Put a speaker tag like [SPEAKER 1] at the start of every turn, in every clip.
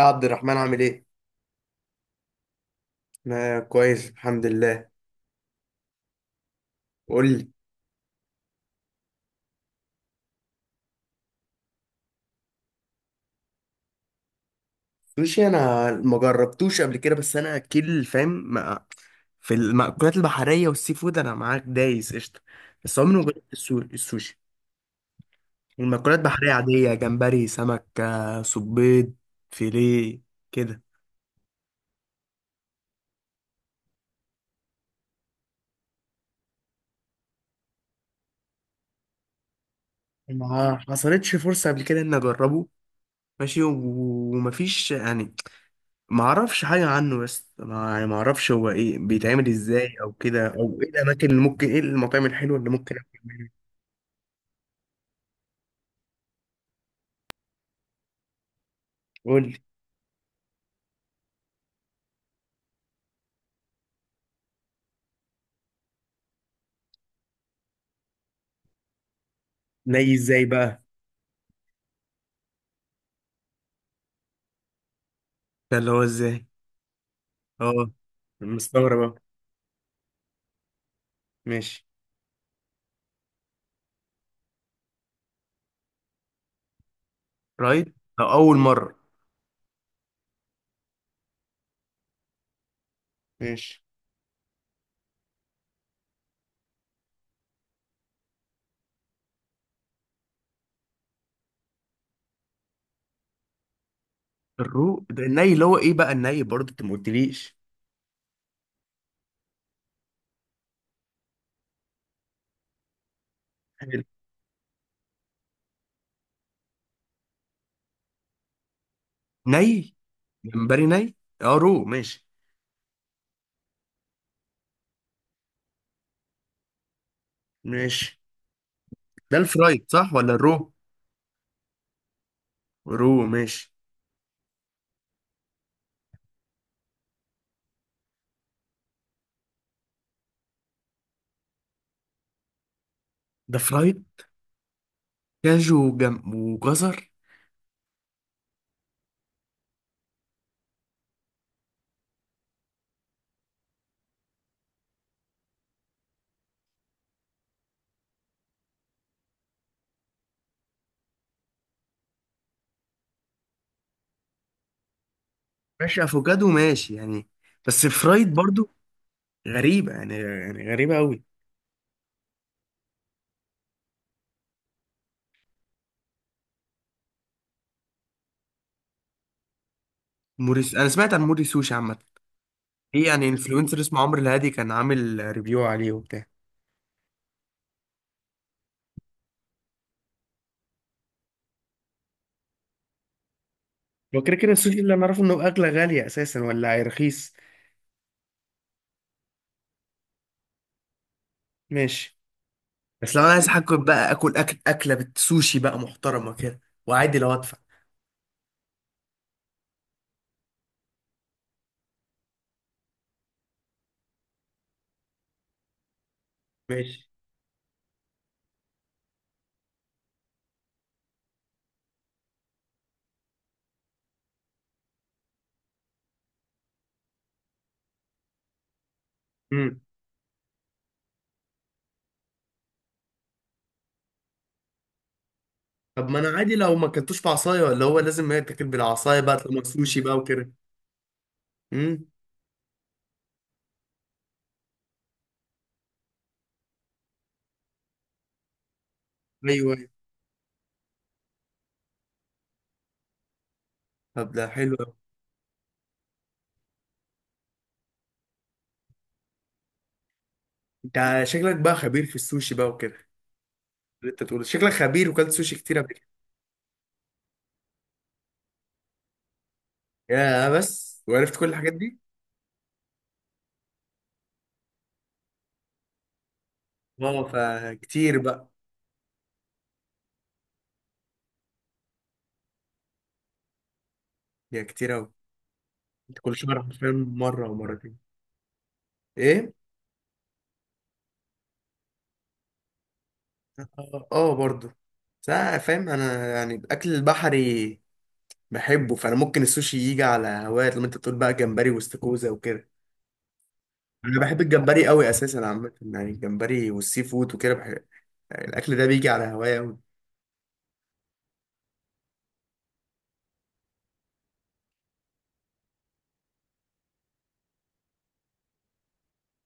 [SPEAKER 1] يا عبد الرحمن عامل ايه؟ انا كويس الحمد لله. قول لي. سوشي انا ما جربتوش قبل كده، بس انا اكل فاهم. في المأكولات البحرية والسي فود انا معاك دايس قشطة. بس عمري ما جربت السوشي. المأكولات البحرية عادية، جمبري، سمك، صبيط، فيليه، كده. ما حصلتش فرصة قبل كده اني اجربه. ماشي، ومفيش يعني. ما اعرفش حاجه عنه، بس ما يعني ما اعرفش هو ايه، بيتعمل ازاي او كده، او ايه الاماكن اللي ممكن، ايه المطاعم الحلوه اللي ممكن اكل منها. قول لي. ني ازاي بقى؟ ده اللي هو ازاي؟ اه، مستغرب أهو. ماشي. رايت أو اول مره. ماشي. الروق ده الني، اللي هو ايه بقى الني، برضه انت ما قلتليش. حلو. ني. جمبري ني. اه، رو، ماشي. ماشي. ده الفرايد صح ولا الرو؟ رو، ماشي. ده فرايد. كاجو وجزر. ماشي، افوكادو، ماشي يعني. بس فرايد برضو. غريبه يعني غريبه قوي. موريس، انا سمعت عن موري سوشي عامه. في يعني انفلونسر اسمه عمرو الهادي كان عامل ريفيو عليه وبتاع. هو كده كده السوشي اللي انا اعرفه انه اغلى، غاليه اساسا ولا رخيص؟ ماشي. بس لو انا عايز حاجه بقى اكله بالسوشي بقى محترمه كده، وعادي لو ادفع. ماشي. امم. طب ما انا عادي لو ما اكلتوش بعصايه، ولا هو لازم يتاكل بالعصايه بقى طالما سوشي بقى وكده؟ امم. ايوه، أيوة. طب ده حلو. انت شكلك بقى خبير في السوشي بقى وكده. اللي انت تقول شكلك خبير وكلت سوشي كتير قبل كده. يا بس وعرفت كل الحاجات دي. اه، فكتير بقى. يا كتير قوي. انت كل شهر حرفيا مره ومرتين. ايه؟ اه، اه، برضه. بس انا فاهم، انا يعني الاكل البحري بحبه، فانا ممكن السوشي يجي على هوايات لما انت تقول بقى جمبري واستاكوزا وكده. انا بحب الجمبري قوي اساسا، عامه يعني الجمبري والسي فود وكده بحب. يعني الاكل ده بيجي على هواية قوي.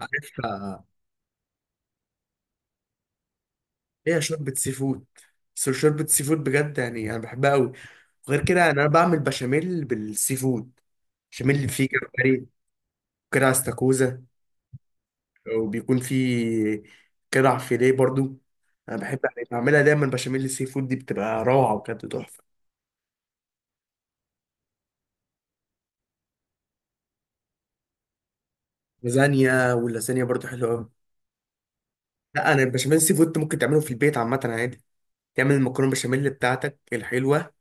[SPEAKER 1] عارف. هي شوربة سي فود. بس شوربة سي فود بجد يعني أنا بحبها أوي. وغير كده يعني أنا بعمل بشاميل بالسي فود. بشاميل اللي فيه جمبري، وكرع استاكوزا، وبيكون فيه كرع فيليه برضو. أنا بحب يعني بعملها دايما، بشاميل السي فود دي بتبقى روعة وكانت تحفة. لازانيا، واللازانيا برضو حلوة أوي. لا، أنا البشاميل السي فود تعمله، ممكن تعمله في البيت عامة عادي. تعمل المكرونة بشاميل بتاعتك الحلوة،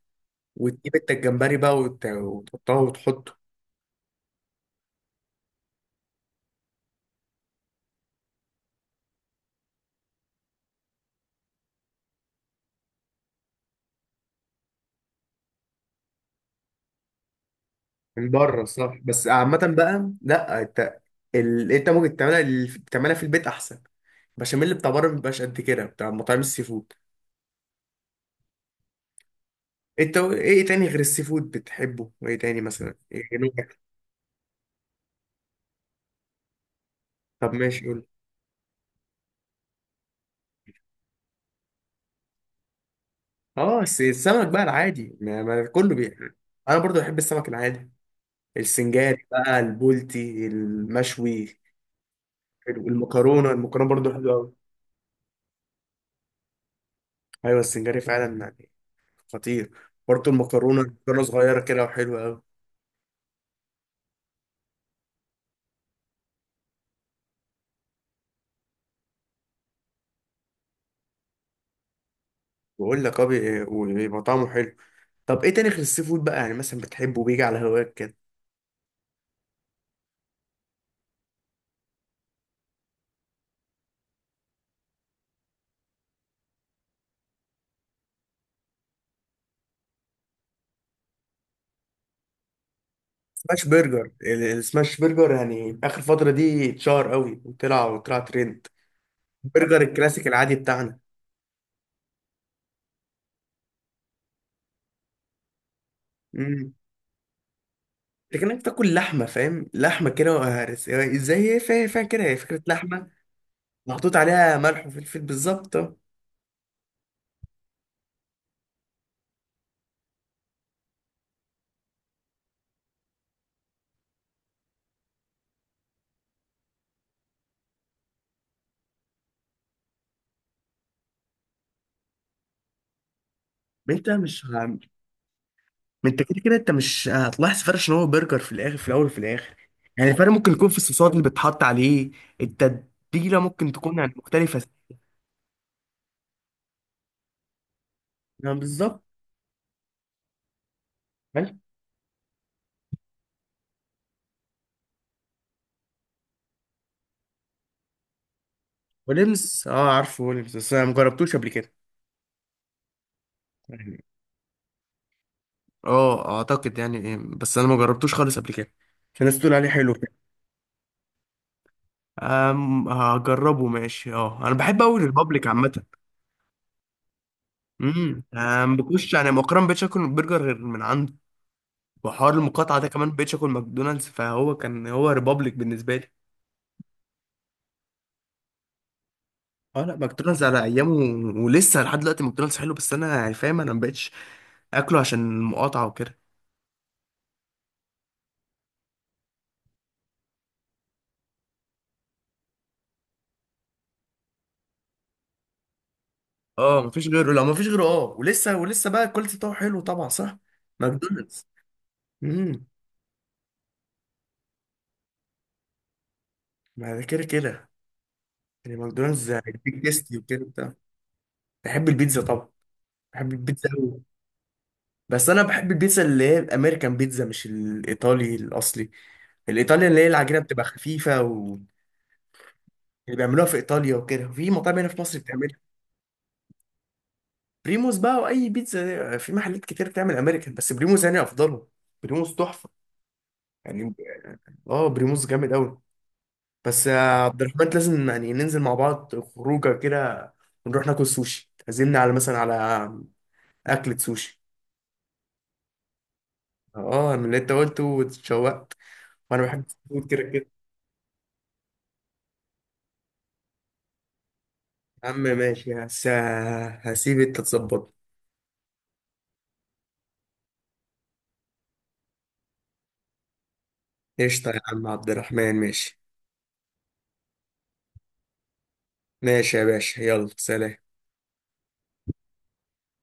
[SPEAKER 1] وتجيب انت الجمبري بقى وتحطها وتحطه. من بره صح، بس عامة بقى لا، انت انت ممكن تعملها، تعملها في البيت احسن. البشاميل بتاع بره مبيبقاش قد كده بتاع مطاعم السي فود. انت ايه تاني غير السي فود بتحبه، ايه تاني مثلا، ايه نوع اكل؟ طب ماشي، قول. اه، السمك بقى العادي ما كله. انا برضو بحب السمك العادي. السنجاري بقى، البولتي المشوي. المكرونة برضو حلوة قوي. ايوه، السنجاري فعلا يعني خطير. برضو المكرونة، مكرونة صغيرة كده وحلوة قوي. بقول لك اه، وبيبقى طعمه حلو. طب ايه تاني غير السي فود بقى يعني مثلا بتحبه بيجي على هواك كده؟ سماش برجر، السماش برجر يعني اخر فتره دي اتشهر قوي وطلع ترند. برجر الكلاسيك العادي بتاعنا. امم. لكنك بتاكل لحمه، فاهم، لحمه كده ازاي، هي فاهم كده، هي فكره لحمه محطوط عليها ملح وفلفل بالظبط آه. انت مش ه- ما انت كده كده انت مش هتلاحظ فرق، عشان هو برجر في الاخر، في الاول وفي الاخر. يعني الفرق ممكن يكون في الصوصات اللي بتحط عليه، التتبيله ممكن تكون يعني مختلفه. يعني بالظبط. حلو. ولمس، اه، عارفه ولمس، بس انا مجربتوش قبل كده. يعني اه، اعتقد يعني إيه، بس انا مجربتوش خالص قبل كده. عشان الناس تقول عليه حلو كده. أم، هجربه، ماشي. اه، انا بحب اقول الريبابليك عامه. امم، بخش يعني مؤخرا مبقتش اكل برجر غير من عنده. وحوار المقاطعه ده كمان مبقتش اكل ماكدونالدز، فهو كان هو ريبابليك بالنسبه لي. اه لا، ماكدونالدز على ايامه، ولسه لحد دلوقتي ماكدونالدز حلو، بس انا يعني فاهم، انا مبقتش اكله عشان المقاطعه وكده. اه، مفيش غيره، لا مفيش غيره. اه، ولسه بقى الكواليتي بتاعه حلو طبعا، صح؟ ماكدونالدز. امم. ما ده كده كده يعني ماكدونالدز. بيج تيستي وكده بتاع. بحب البيتزا طبعا. بحب البيتزا قوي. بس انا بحب البيتزا اللي هي الامريكان بيتزا، مش الايطالي الاصلي. الايطالي اللي هي العجينه بتبقى خفيفه، و اللي بيعملوها في ايطاليا وكده في مطاعم هنا في مصر. بريموس بقى، واي بيتزا في محلات كتير بتعمل امريكان، بس بريموس يعني افضلهم. بريموس تحفه يعني. اه، بريموس جامد قوي. بس يا عبد الرحمن، لازم يعني ننزل مع بعض خروجه كده، ونروح ناكل سوشي، تعزمني على مثلا، على اكلة سوشي. اه، من اللي انت قلته واتشوقت. وانا بحب الفود كده كده. يا عم ماشي، هسيب انت تظبط. قشطه يا عم عبد الرحمن، ماشي. ماشي يا باشا، يلا سلام.